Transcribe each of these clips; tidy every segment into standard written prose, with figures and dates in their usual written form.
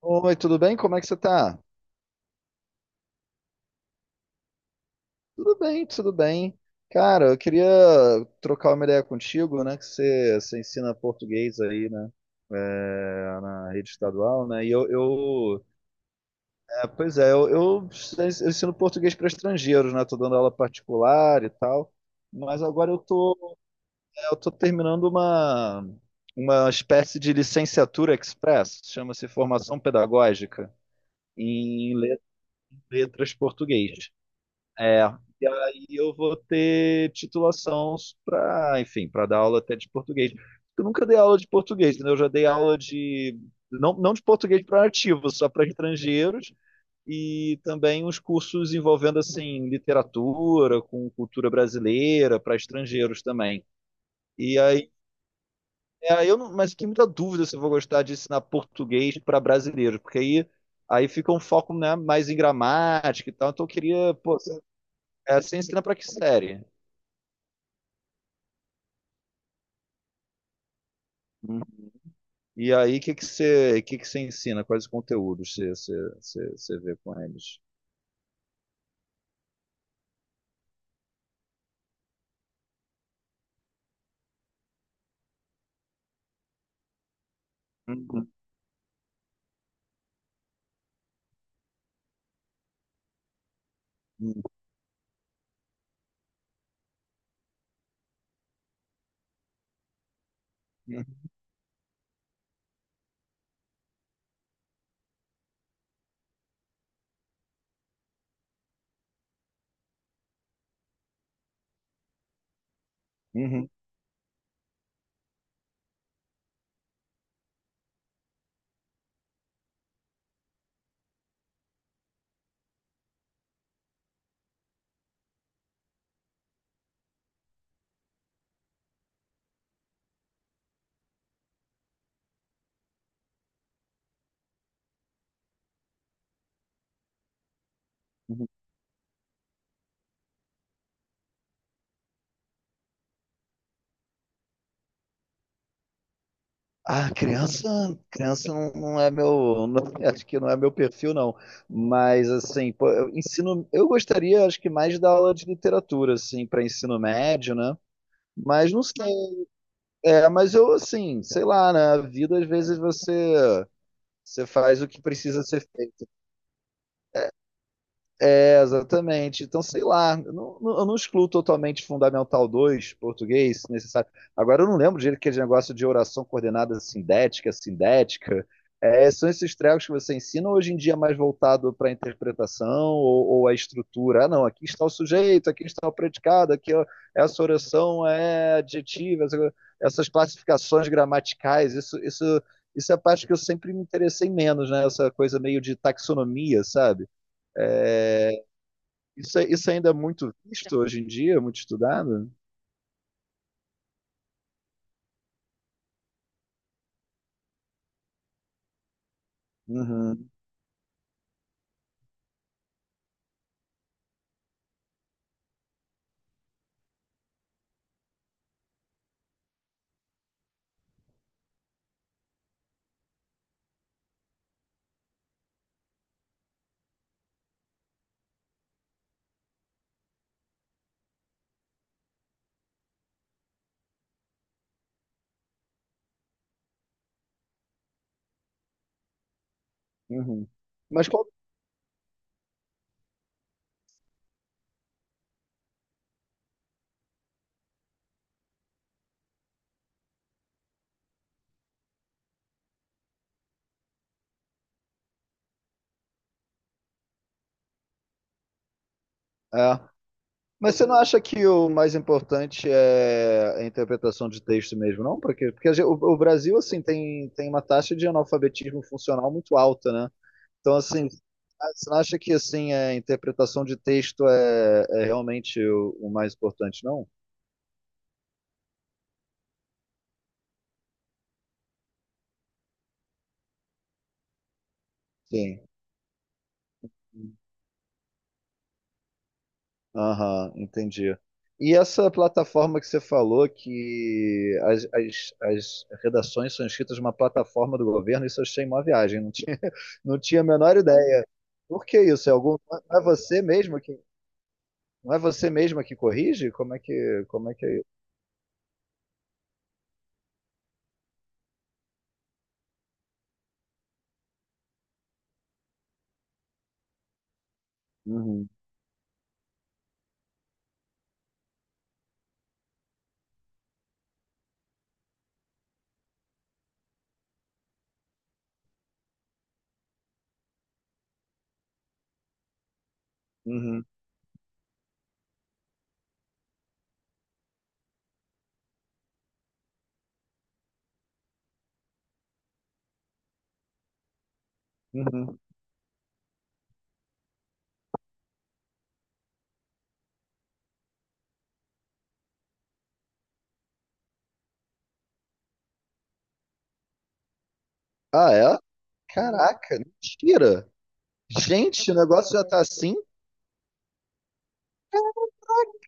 Oi, tudo bem? Como é que você tá? Tudo bem, tudo bem. Cara, eu queria trocar uma ideia contigo, né? Que você ensina português aí, né? Na rede estadual, né? E eu é, pois é, eu ensino português para estrangeiros, né? Tô dando aula particular e tal. Mas agora eu tô terminando uma espécie de licenciatura express, chama-se formação pedagógica em letras português. É, e aí eu vou ter titulação para, enfim, para dar aula até de português. Eu nunca dei aula de português, entendeu? Eu já dei aula de, não de português para nativos, só para estrangeiros, e também uns cursos envolvendo, assim, literatura, com cultura brasileira, para estrangeiros também. E aí, aí eu não, mas fiquei muita dúvida se eu vou gostar de ensinar português para brasileiros, porque aí fica um foco, né, mais em gramática e tal, então eu queria, pô, é, você ensina para que série? Hum. E aí, o que que você ensina? Quais conteúdos você vê com eles? Uhum, uhum, uhum, uhum. Ah, criança, criança não é meu, não- acho que não é meu perfil, não. Mas assim, pô, eu ensino, eu gostaria, acho que mais da aula de literatura, assim, para ensino médio, né? Mas não sei. É, mas eu assim, sei lá, né? A vida às vezes você faz o que precisa ser. Exatamente. Então, sei lá, eu eu não excluo totalmente Fundamental 2 português, se necessário. Agora, eu não lembro direito aquele negócio de oração coordenada sindética. É, são esses trecos que você ensina hoje em dia é mais voltado para a interpretação ou a estrutura. Ah, não, aqui está o sujeito, aqui está o predicado, aqui ó, essa oração é adjetiva, essas classificações gramaticais, isso é a parte que eu sempre me interessei menos, né? Essa coisa meio de taxonomia, sabe? É, isso, isso ainda é muito visto hoje em dia, muito estudado? Uhum, uhum. Mas qual, é. Mas você não acha que o mais importante é a interpretação de texto mesmo, não? Porque o Brasil, assim, tem uma taxa de analfabetismo funcional muito alta, né? Então, assim, ah, você não acha que, assim, a interpretação de texto é realmente o mais importante, não? Sim. Aham, entendi. E essa plataforma que você falou, que as redações são escritas numa plataforma do governo, isso eu achei uma viagem, não tinha a menor ideia. Por que isso? É algum, não é você mesmo que, não é você mesma que corrige? Como é que é isso? Uhum, uhum, uhum. Ah, é? Caraca, mentira! Gente, o negócio já tá assim?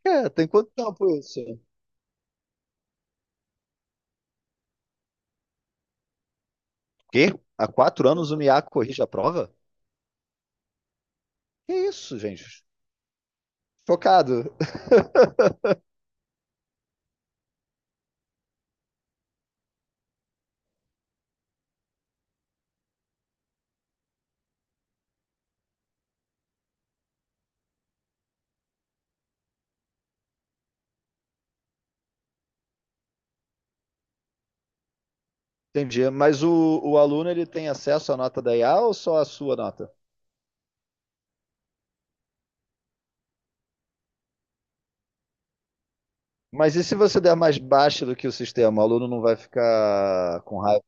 Cara, tem quanto tempo isso? Quê? Há 4 anos o MIA corrige a prova? Que isso, gente? Chocado. Entendi. Mas o aluno ele tem acesso à nota da IA ou só à sua nota? Mas e se você der mais baixa do que o sistema? O aluno não vai ficar com raiva?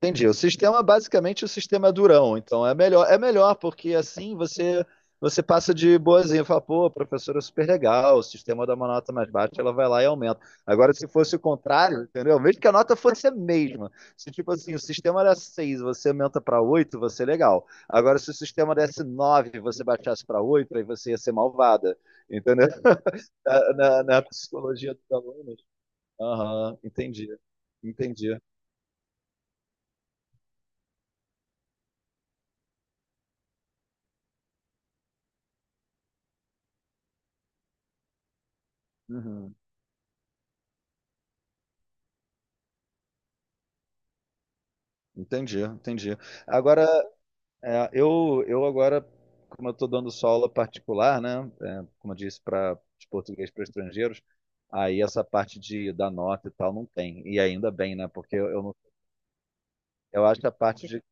Entendi. O sistema, basicamente, o sistema é durão. Então, é melhor porque assim você passa de boazinha. Fala, pô, a professora é super legal, o sistema dá uma nota mais baixa, ela vai lá e aumenta. Agora, se fosse o contrário, entendeu? Mesmo que a nota fosse a mesma. Se, tipo assim, o sistema era 6, você aumenta para oito, você é legal. Agora, se o sistema desse 9 e você baixasse para 8, aí você ia ser malvada. Entendeu? Na psicologia dos alunos. Aham, entendi. Entendi. Uhum. Entendi, entendi. Agora, eu agora, como eu estou dando só aula particular, né, é, como eu disse, para de português para estrangeiros, aí essa parte de da nota e tal não tem. E ainda bem, né, porque eu, não- eu acho a parte de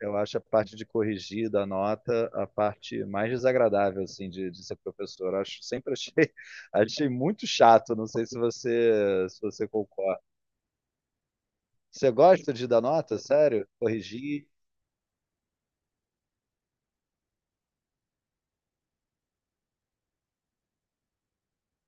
eu acho a parte de corrigir da nota a parte mais desagradável assim de ser professor. Eu acho, sempre achei achei muito chato. Não sei se você se você concorda. Você gosta de dar nota? Sério? Corrigir?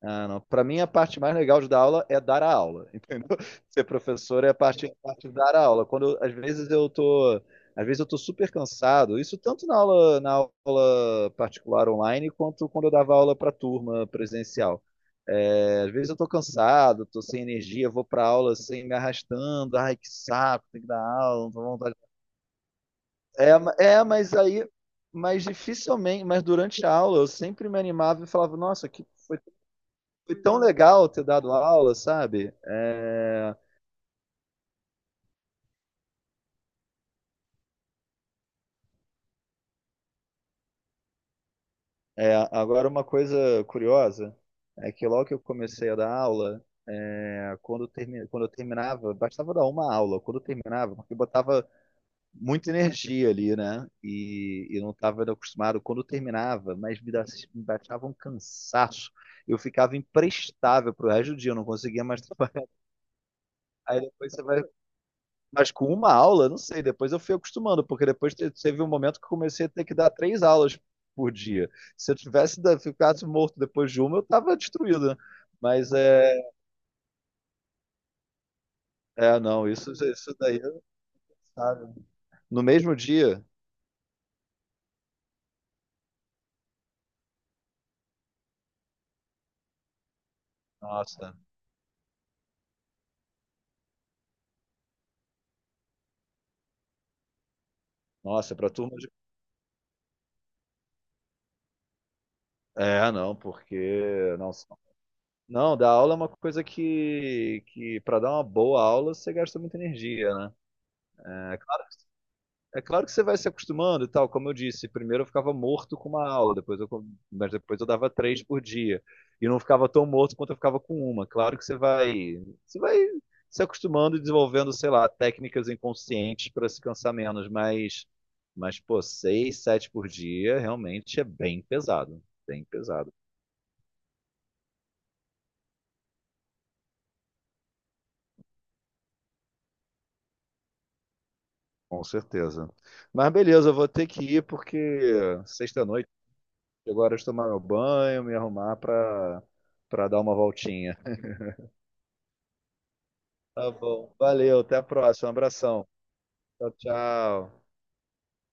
Ah, não. Para mim, a parte mais legal de dar aula é dar a aula, entendeu? Ser professor é a parte de dar a aula. Às vezes eu às vezes eu tô super cansado. Isso tanto na aula particular online quanto quando eu dava aula para turma presencial. É, às vezes eu tô cansado, tô sem energia, vou para aula sem assim, me arrastando. Ai, que saco, tem que dar aula, não tô com vontade. Mas aí, mas dificilmente, mas durante a aula eu sempre me animava e falava, nossa, que foi tão legal ter dado aula, sabe? Agora, uma coisa curiosa é que logo que eu comecei a dar aula, quando eu terminava, bastava dar uma aula, quando eu terminava, porque eu botava muita energia ali, né? E não estava acostumado. Quando eu terminava, me baixava um cansaço. Eu ficava imprestável pro resto do dia, eu não conseguia mais trabalhar. Aí depois você vai. Mas com uma aula, não sei, depois eu fui acostumando, porque depois teve um momento que eu comecei a ter que dar três aulas por dia. Se eu tivesse ficasse morto depois de uma, eu estava destruído, né? Mas é, é, não, isso daí, eu, sabe? No mesmo dia, nossa, nossa, para turma de... É, não, porque, não, não, dar aula é uma coisa que para dar uma boa aula, você gasta muita energia, né? É, é claro que você vai se acostumando e tal, como eu disse, primeiro eu ficava morto com uma aula, depois mas depois eu dava três por dia. E não ficava tão morto quanto eu ficava com uma. Claro que você vai se acostumando e desenvolvendo, sei lá, técnicas inconscientes para se cansar menos, mas pô, seis, sete por dia realmente é bem pesado, bem pesado. Com certeza. Mas beleza, eu vou ter que ir porque sexta-noite, agora eu vou tomar meu banho, me arrumar para dar uma voltinha. Tá bom. Valeu, até a próxima. Um abração. Tchau, tchau.